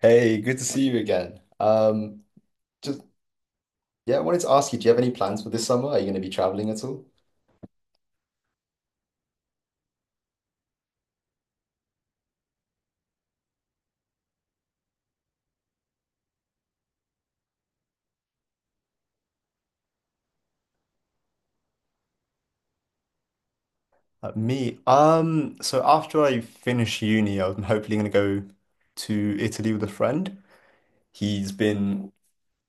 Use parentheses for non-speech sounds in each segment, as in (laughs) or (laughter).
Hey, good to see you again. Just yeah, I wanted to ask you, do you have any plans for this summer? Are you going to be traveling at all? So after I finish uni, I'm hopefully gonna go to Italy with a friend. He's been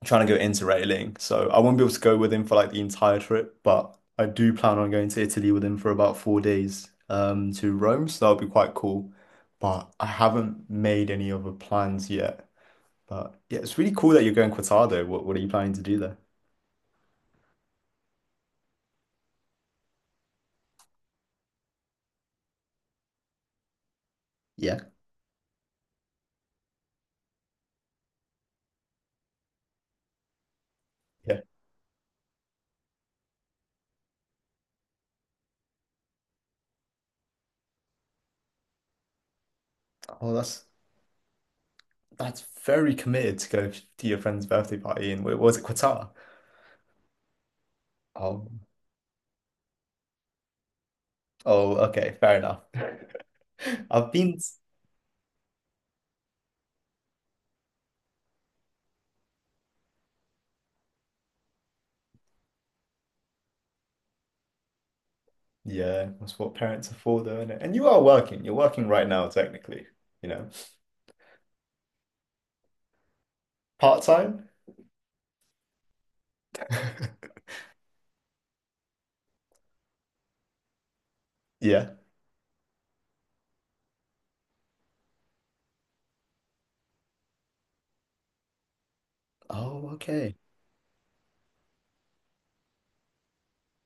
trying to go interrailing, so I won't be able to go with him for like the entire trip, but I do plan on going to Italy with him for about 4 days to Rome, so that'll be quite cool. But I haven't made any other plans yet. But yeah, it's really cool that you're going Cortado. What are you planning to do there? Yeah. Yeah. Oh, that's that's very committed to go to your friend's birthday party in, where was it, Qatar? Oh, oh, okay, fair enough. (laughs) I've been. Yeah, that's what parents are for, though, isn't it? And you are working. You're working right now, technically, you know, part time. (laughs) Yeah. Oh, okay.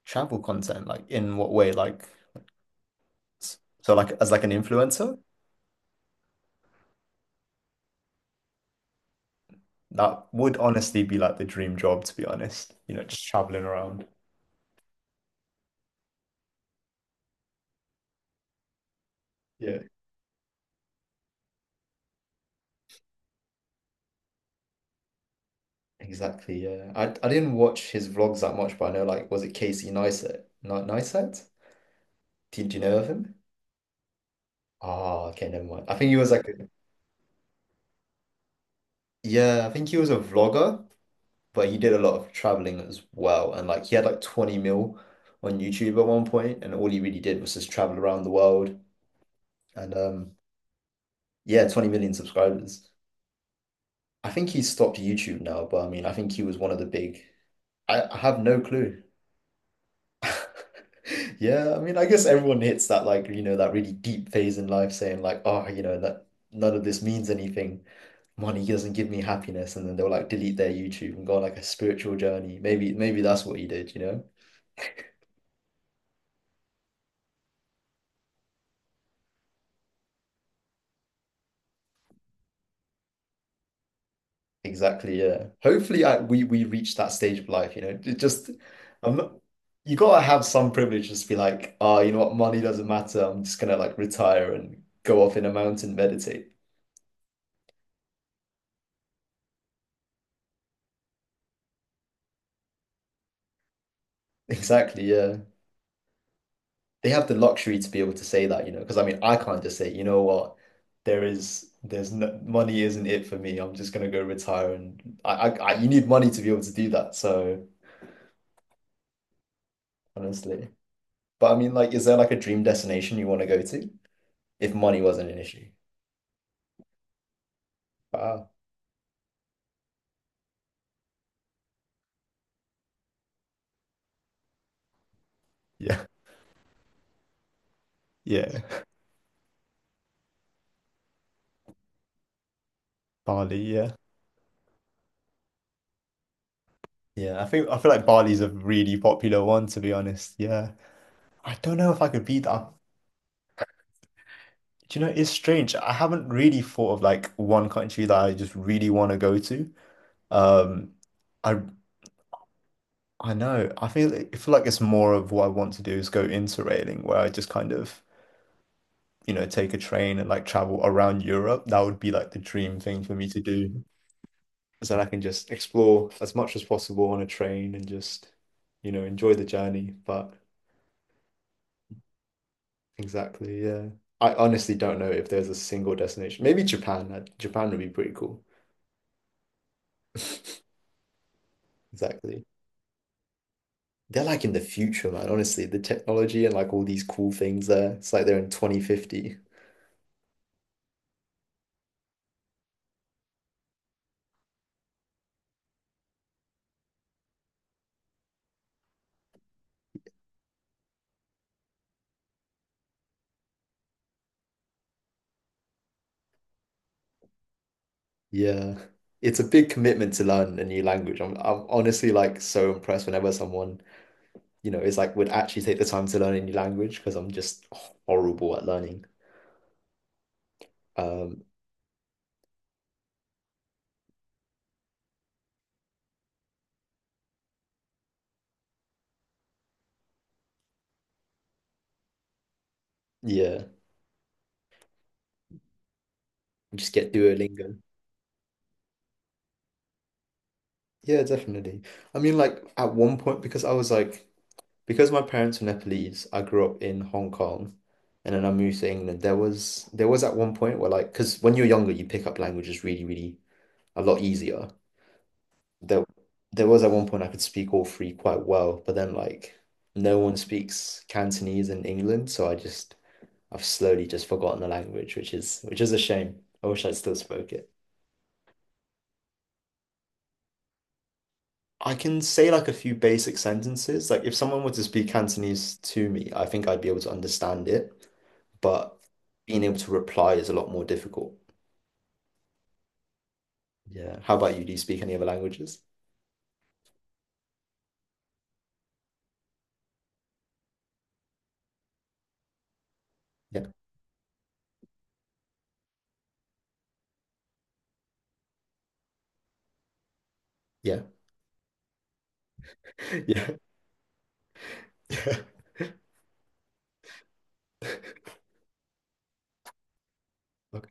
Travel content, like in what way? So like as like an influencer, that would honestly be like the dream job, to be honest. You know, just traveling around. Yeah, exactly. Yeah, I didn't watch his vlogs that much, but I know like was it Casey Neistat? Not Neistat? Did you know of him? Oh, okay, never mind. I think he was like, a- Yeah, I think he was a vlogger. But he did a lot of traveling as well. And like he had like 20 mil on YouTube at one point, and all he really did was just travel around the world. And yeah, 20 million subscribers. I think he stopped YouTube now, but I mean, I think he was one of the big. I have no clue. (laughs) Yeah, I mean, I guess everyone hits that like, you know, that really deep phase in life saying like, oh, you know, that none of this means anything. Money doesn't give me happiness. And then they'll like delete their YouTube and go on like a spiritual journey. Maybe that's what he did, you know? Exactly, yeah. Hopefully, I, we reach that stage of life, you know. It just, I'm not, You gotta have some privilege, just to be like, oh, you know what, money doesn't matter. I'm just gonna like retire and go off in a mountain, meditate. (laughs) Exactly, yeah. They have the luxury to be able to say that, you know, because I mean, I can't just say, you know what, there's no money isn't it for me. I'm just gonna go retire, and I you need money to be able to do that. Honestly, but I mean, like, is there like a dream destination you want to go to if money wasn't an issue? Wow. Yeah, yeah. Bali, yeah. Yeah, I think I feel like Bali's a really popular one to be honest. Yeah. I don't know if I could beat that. Do you know, it's strange. I haven't really thought of like one country that I just really want to go to. Um I I know. I feel like it's more of what I want to do is go interrailing where I just kind of, you know, take a train and like travel around Europe. That would be like the dream thing for me to do. So that I can just explore as much as possible on a train and just, you know, enjoy the journey. But exactly, yeah. I honestly don't know if there's a single destination. Maybe Japan. Japan would be pretty cool. Exactly. They're like in the future, man. Honestly, the technology and like all these cool things there. It's like they're in 2050. Yeah. It's a big commitment to learn a new language. I'm honestly like so impressed whenever someone, you know, is like would actually take the time to learn a new language because I'm just horrible at learning. Um, yeah. Just get Duolingo. Yeah, definitely. I mean, like at one point, because I was like, because my parents were Nepalese, I grew up in Hong Kong, and then I moved to England. There was at one point where like, because when you're younger, you pick up languages really, really a lot easier. There there was at one point I could speak all three quite well, but then like no one speaks Cantonese in England, so I've slowly just forgotten the language, which is a shame. I wish I still spoke it. I can say like a few basic sentences. Like if someone were to speak Cantonese to me, I think I'd be able to understand it, but being able to reply is a lot more difficult. Yeah. How about you? Do you speak any other languages? Yeah. Yeah. (laughs) Yeah. Yeah. Okay.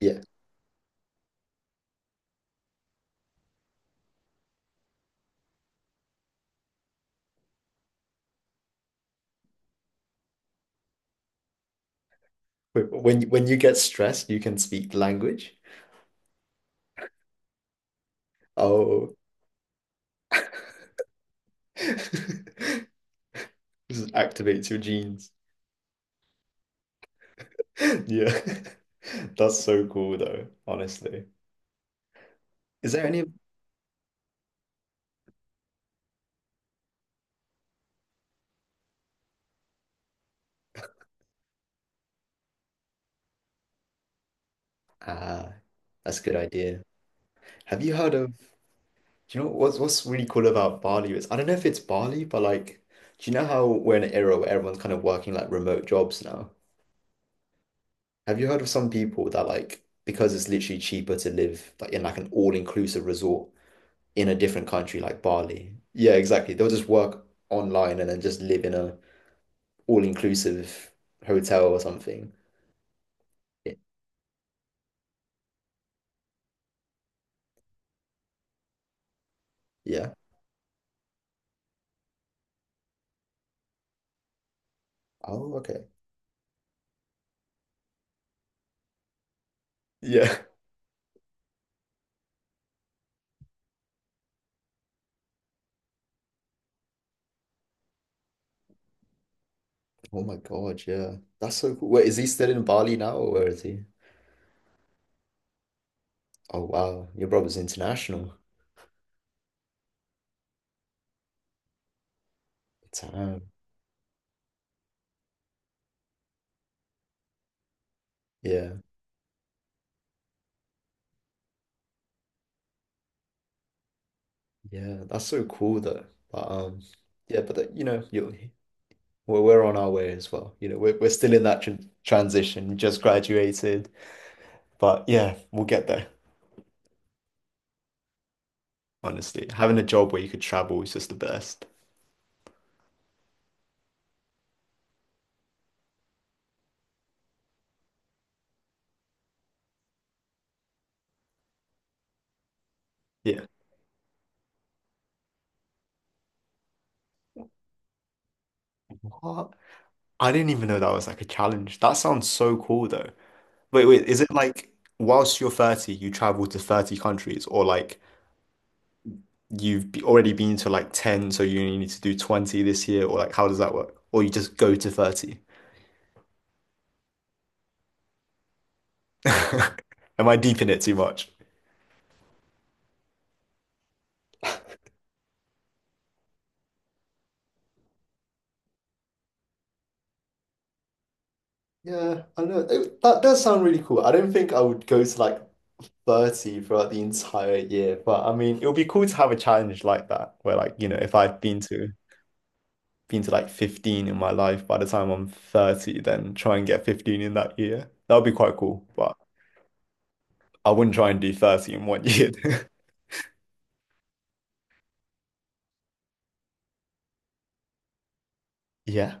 Yeah. When you get stressed, you can speak the language. Oh. (laughs) This activates your genes. (laughs) Yeah. (laughs) That's so cool though, honestly. Is there any? Ah, that's a good idea. Have you heard of Do you know what's really cool about Bali is I don't know if it's Bali, but like, do you know how we're in an era where everyone's kind of working like remote jobs now? Have you heard of some people that like because it's literally cheaper to live like in like an all-inclusive resort in a different country like Bali? Yeah, exactly. They'll just work online and then just live in a all-inclusive hotel or something. Y- Yeah. Oh, okay. Yeah. (laughs) Oh my God, yeah. That's so cool. Wait, is he still in Bali now or where is he? Oh wow, your brother's international. Damn. Yeah, yeah. That's so cool though. But yeah, but that, you know, you we're on our way as well. You know, we're still in that tr transition. We just graduated, but yeah, we'll get there. Honestly, having a job where you could travel is just the best. Yeah. What? I didn't even know that was like a challenge. That sounds so cool though. Is it like whilst you're 30, you travel to 30 countries or like already been to like 10, so you only need to do 20 this year or like how does that work? Or you just go to 30? (laughs) Am I deep in it too much? Yeah, I know. It- that does sound really cool. I don't think I would go to like 30 throughout the entire year, but I mean, it would be cool to have a challenge like that where like, you know, if I've been to like 15 in my life by the time I'm 30, then try and get 15 in that year. That would be quite cool, but I wouldn't try and do 30 in one year. (laughs) Yeah.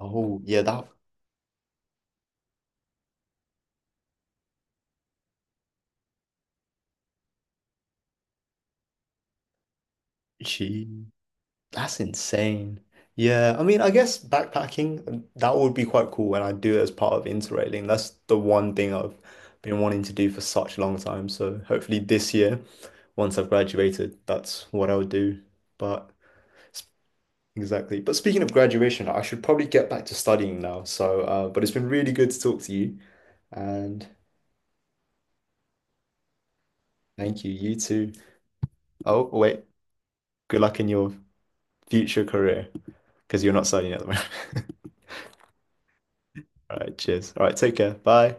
Oh, yeah, that she. That's insane. Yeah, I mean, I guess backpacking, that would be quite cool when I do it as part of Interrailing. That's the one thing I've been wanting to do for such a long time. So hopefully this year, once I've graduated, that's what I would do. But s- exactly. But speaking of graduation, I should probably get back to studying now. So, but it's been really good to talk to you, and thank you. You too. Oh, wait. Good luck in your future career because you're not studying at the moment. (laughs) All right. Cheers. All right. Take care. Bye.